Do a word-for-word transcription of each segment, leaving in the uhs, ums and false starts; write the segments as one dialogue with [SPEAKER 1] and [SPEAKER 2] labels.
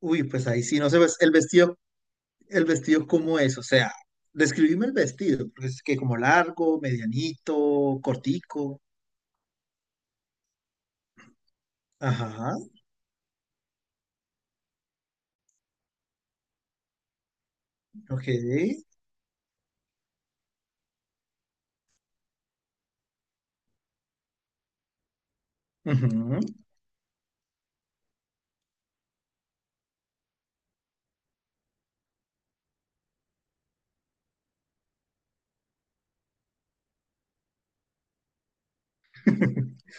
[SPEAKER 1] Uy, pues ahí sí, no sé, pues, el vestido, el vestido cómo es, o sea, describime el vestido, porque es que como largo, medianito, cortico, ajá, ok, ujú.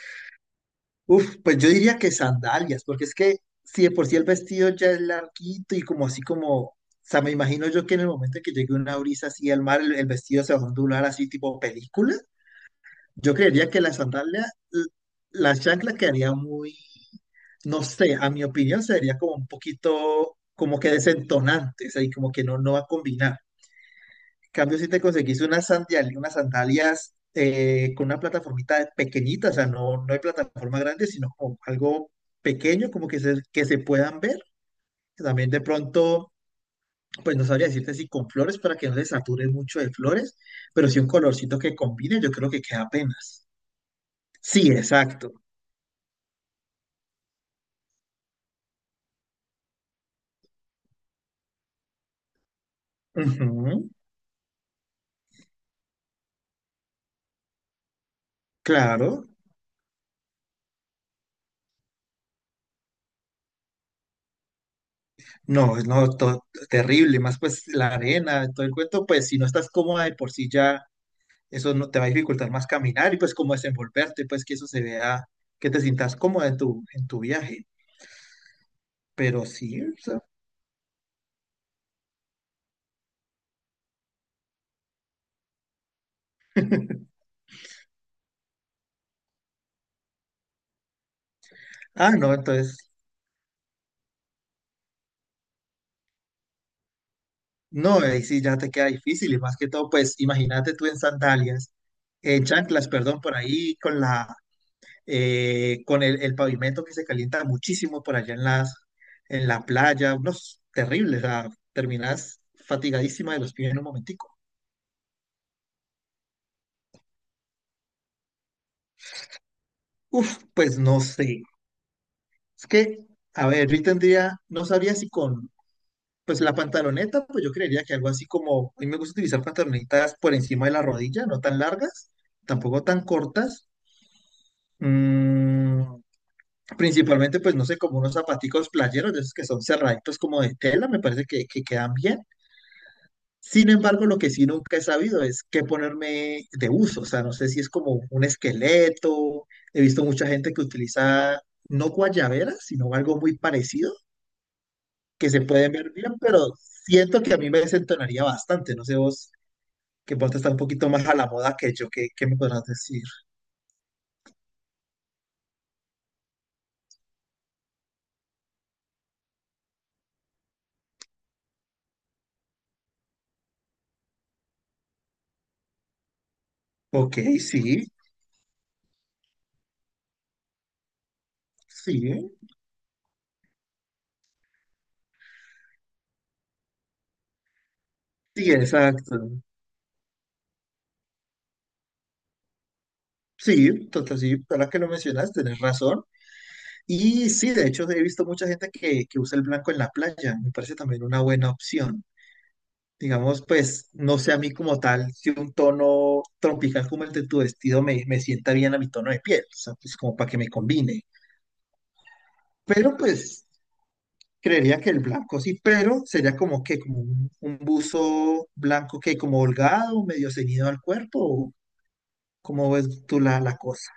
[SPEAKER 1] Uf, pues yo diría que sandalias, porque es que si de por sí el vestido ya es larguito y como así como, o sea, me imagino yo que en el momento en que llegue una brisa así al mar, el, el vestido se va a ondular así tipo película. Yo creería que la sandalia, l- la chancla quedaría muy, no sé, a mi opinión sería como un poquito como que desentonante, o sea, y como que no, no va a combinar. En cambio, si te conseguís unas sandalias, unas sandalias eh, con una plataformita pequeñita, o sea, no, no hay plataforma grande, sino como algo pequeño, como que se, que se puedan ver. También de pronto, pues no sabría decirte si con flores para que no se sature mucho de flores, pero sí un colorcito que combine, yo creo que queda apenas. Sí, exacto. Ujú, claro. No, no, to- terrible. Más pues la arena, todo el cuento, pues si no estás cómoda de por sí ya, eso no te va a dificultar más caminar y pues como desenvolverte, pues que eso se vea, que te sientas cómoda en tu, en tu viaje. Pero sí, o sea. Ah, no, entonces, no, ahí sí ya te queda difícil y más que todo, pues imagínate tú en sandalias, en chanclas, perdón, por ahí con la, eh, con el, el pavimento que se calienta muchísimo por allá en las, en la playa, unos terribles, o sea, terminas fatigadísima de los pies en un momentico. Uf, pues no sé. Es que, a ver, yo tendría, no sabría si con, pues la pantaloneta, pues yo creería que algo así como, a mí me gusta utilizar pantalonetas por encima de la rodilla, no tan largas, tampoco tan cortas. Mm, principalmente, pues no sé, como unos zapaticos playeros, de esos que son cerraditos como de tela, me parece que, que quedan bien. Sin embargo, lo que sí nunca he sabido es qué ponerme de uso. O sea, no sé si es como un esqueleto. He visto mucha gente que utiliza no guayaberas, sino algo muy parecido, que se puede ver bien, pero siento que a mí me desentonaría bastante. No sé vos, que vos estás un poquito más a la moda que yo, ¿qué, qué me podrás decir? Ok, sí, sí, sí, exacto. Sí, total, sí, ahora que lo mencionas, tenés razón. Y sí, de hecho he visto mucha gente que, que usa el blanco en la playa, me parece también una buena opción. Digamos, pues, no sé a mí como tal, si un tono tropical como el de tu vestido me, me sienta bien a mi tono de piel, o sea, pues como para que me combine. Pero pues, creería que el blanco sí, pero sería como que, como un, un buzo blanco que como holgado, medio ceñido al cuerpo, o cómo ves tú la, la cosa.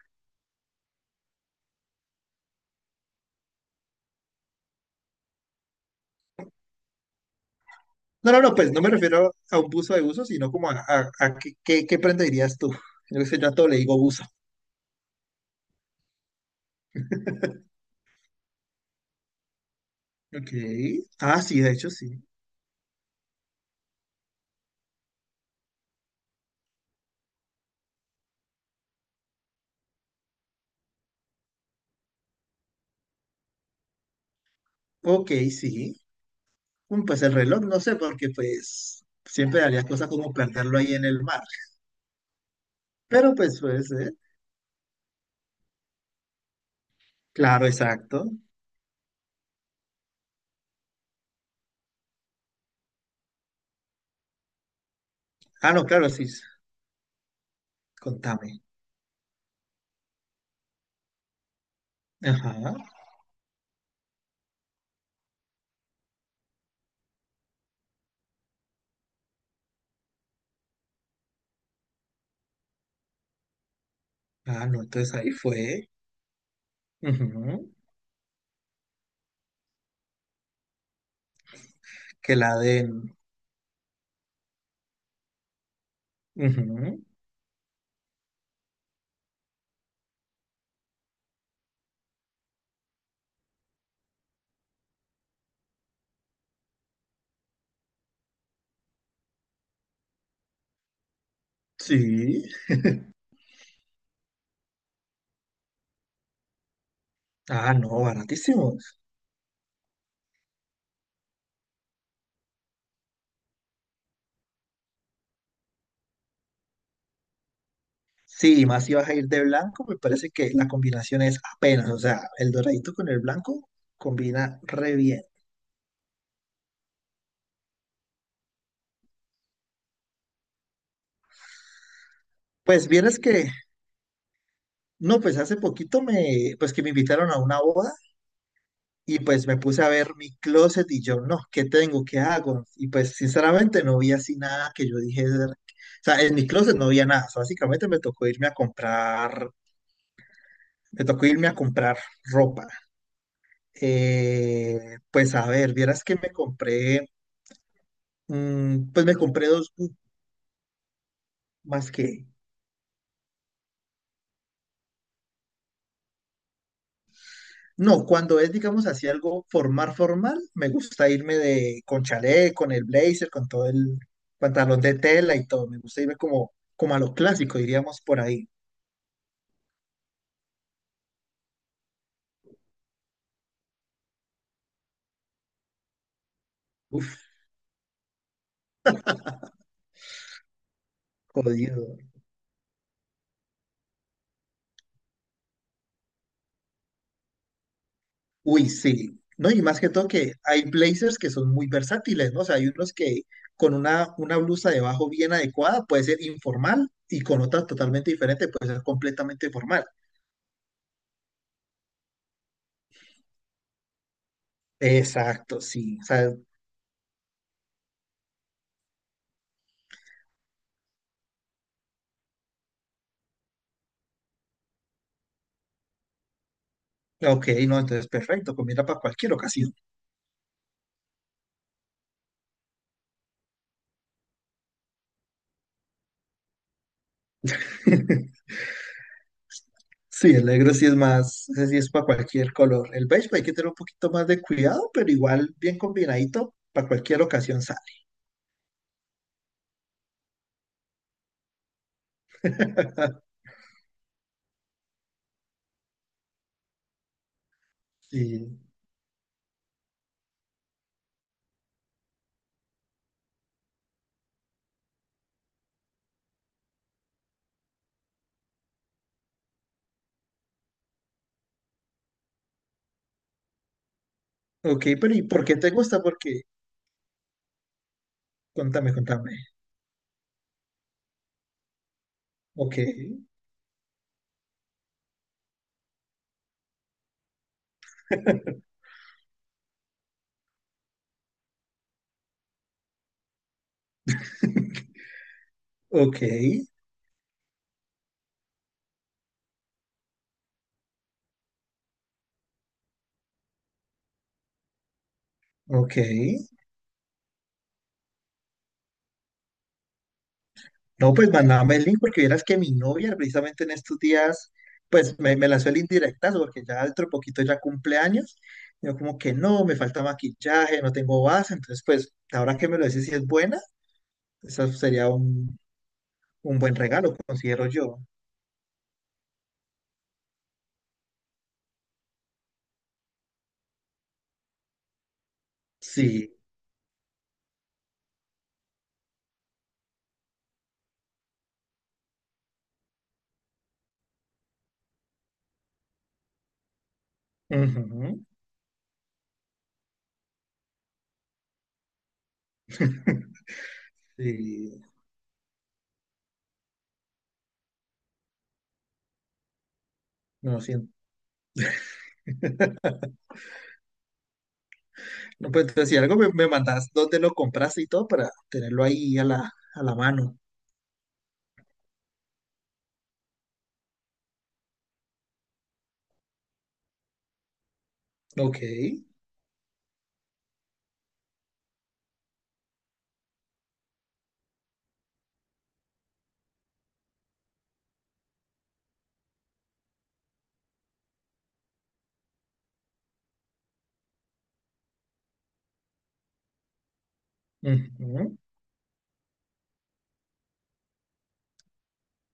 [SPEAKER 1] No, no, no, pues no me refiero a un buzo de uso, sino como a, a, a qué, qué, qué prenda dirías tú. Yo sé, yo a todo le digo buzo. Ok. Ah, sí, de hecho, sí. Ok, sí. Mm, pues el reloj, no sé, porque pues siempre haría cosas como plantarlo ahí en el mar. Pero pues puede ser. Claro, exacto. Ah, no, claro, sí. Contame. Ajá. Ah, no, entonces ahí fue. Ujú. Que la den. Ujú. Sí. Ah, no, baratísimo. Sí, y más si vas a ir de blanco, me parece que la combinación es apenas, o sea, el doradito con el blanco combina re bien. Pues vieras que, no, pues hace poquito me, pues que me invitaron a una boda y pues me puse a ver mi closet y yo, no, ¿qué tengo? ¿Qué hago? Y pues sinceramente no vi así nada que yo dije, o sea, en mi closet no había nada, o sea, básicamente me tocó irme a comprar, me tocó irme a comprar ropa. Eh, pues a ver, vieras que me compré... Mm, pues me compré dos. Más que. No, cuando es, digamos, así algo formal, formal, me gusta irme de, con chalet, con el blazer, con todo el pantalón de tela y todo. Me gusta irme como, como a lo clásico, diríamos por ahí. Uf, jodido. Uy, sí. No, y más que todo que hay blazers que son muy versátiles, ¿no? O sea, hay unos que con una, una blusa debajo bien adecuada puede ser informal y con otra totalmente diferente puede ser completamente formal. Exacto, sí. O sea, ok, no, entonces perfecto, combina para cualquier ocasión. Sí, el negro sí es más, ese sí es para cualquier color. El beige hay que tener un poquito más de cuidado, pero igual bien combinadito, para cualquier ocasión sale. Sí. Ok, pero ¿y por qué te gusta? Porque, contame, contame. Ok, ok, ok. No, pues mandame el link porque vieras que mi novia precisamente en estos días, pues me, me lanzó el indirectazo porque ya dentro de poquito ya cumple años. Yo como que no, me falta maquillaje, no tengo base, entonces pues ahora que me lo decís si es buena, eso sería un Un buen regalo, considero yo. Sí, ujú. Sí. No siento. No, pues entonces, si algo me, me mandas dónde lo compraste y todo para tenerlo ahí a la, a la mano. Ok, ujú.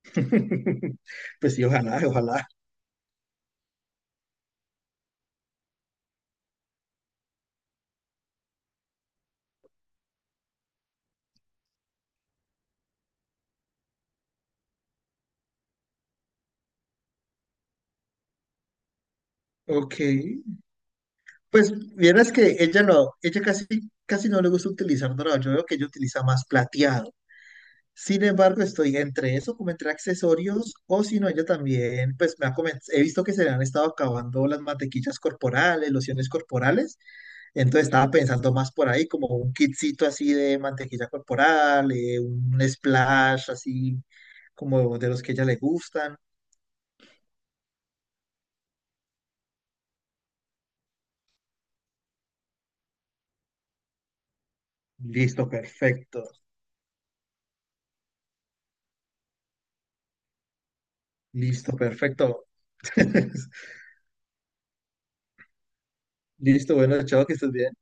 [SPEAKER 1] Pues sí, ojalá, ojalá. Ok. Pues vieras que ella no, ella casi, casi no le gusta utilizar dorado. Yo veo que ella utiliza más plateado. Sin embargo, estoy entre eso, como entre accesorios, o si no, ella también, pues me ha comen- he visto que se le han estado acabando las mantequillas corporales, lociones corporales, entonces estaba pensando más por ahí, como un kitcito así de mantequilla corporal, eh, un splash así, como de los que a ella le gustan. Listo, perfecto, listo, perfecto. Listo, bueno, chao, que estés bien.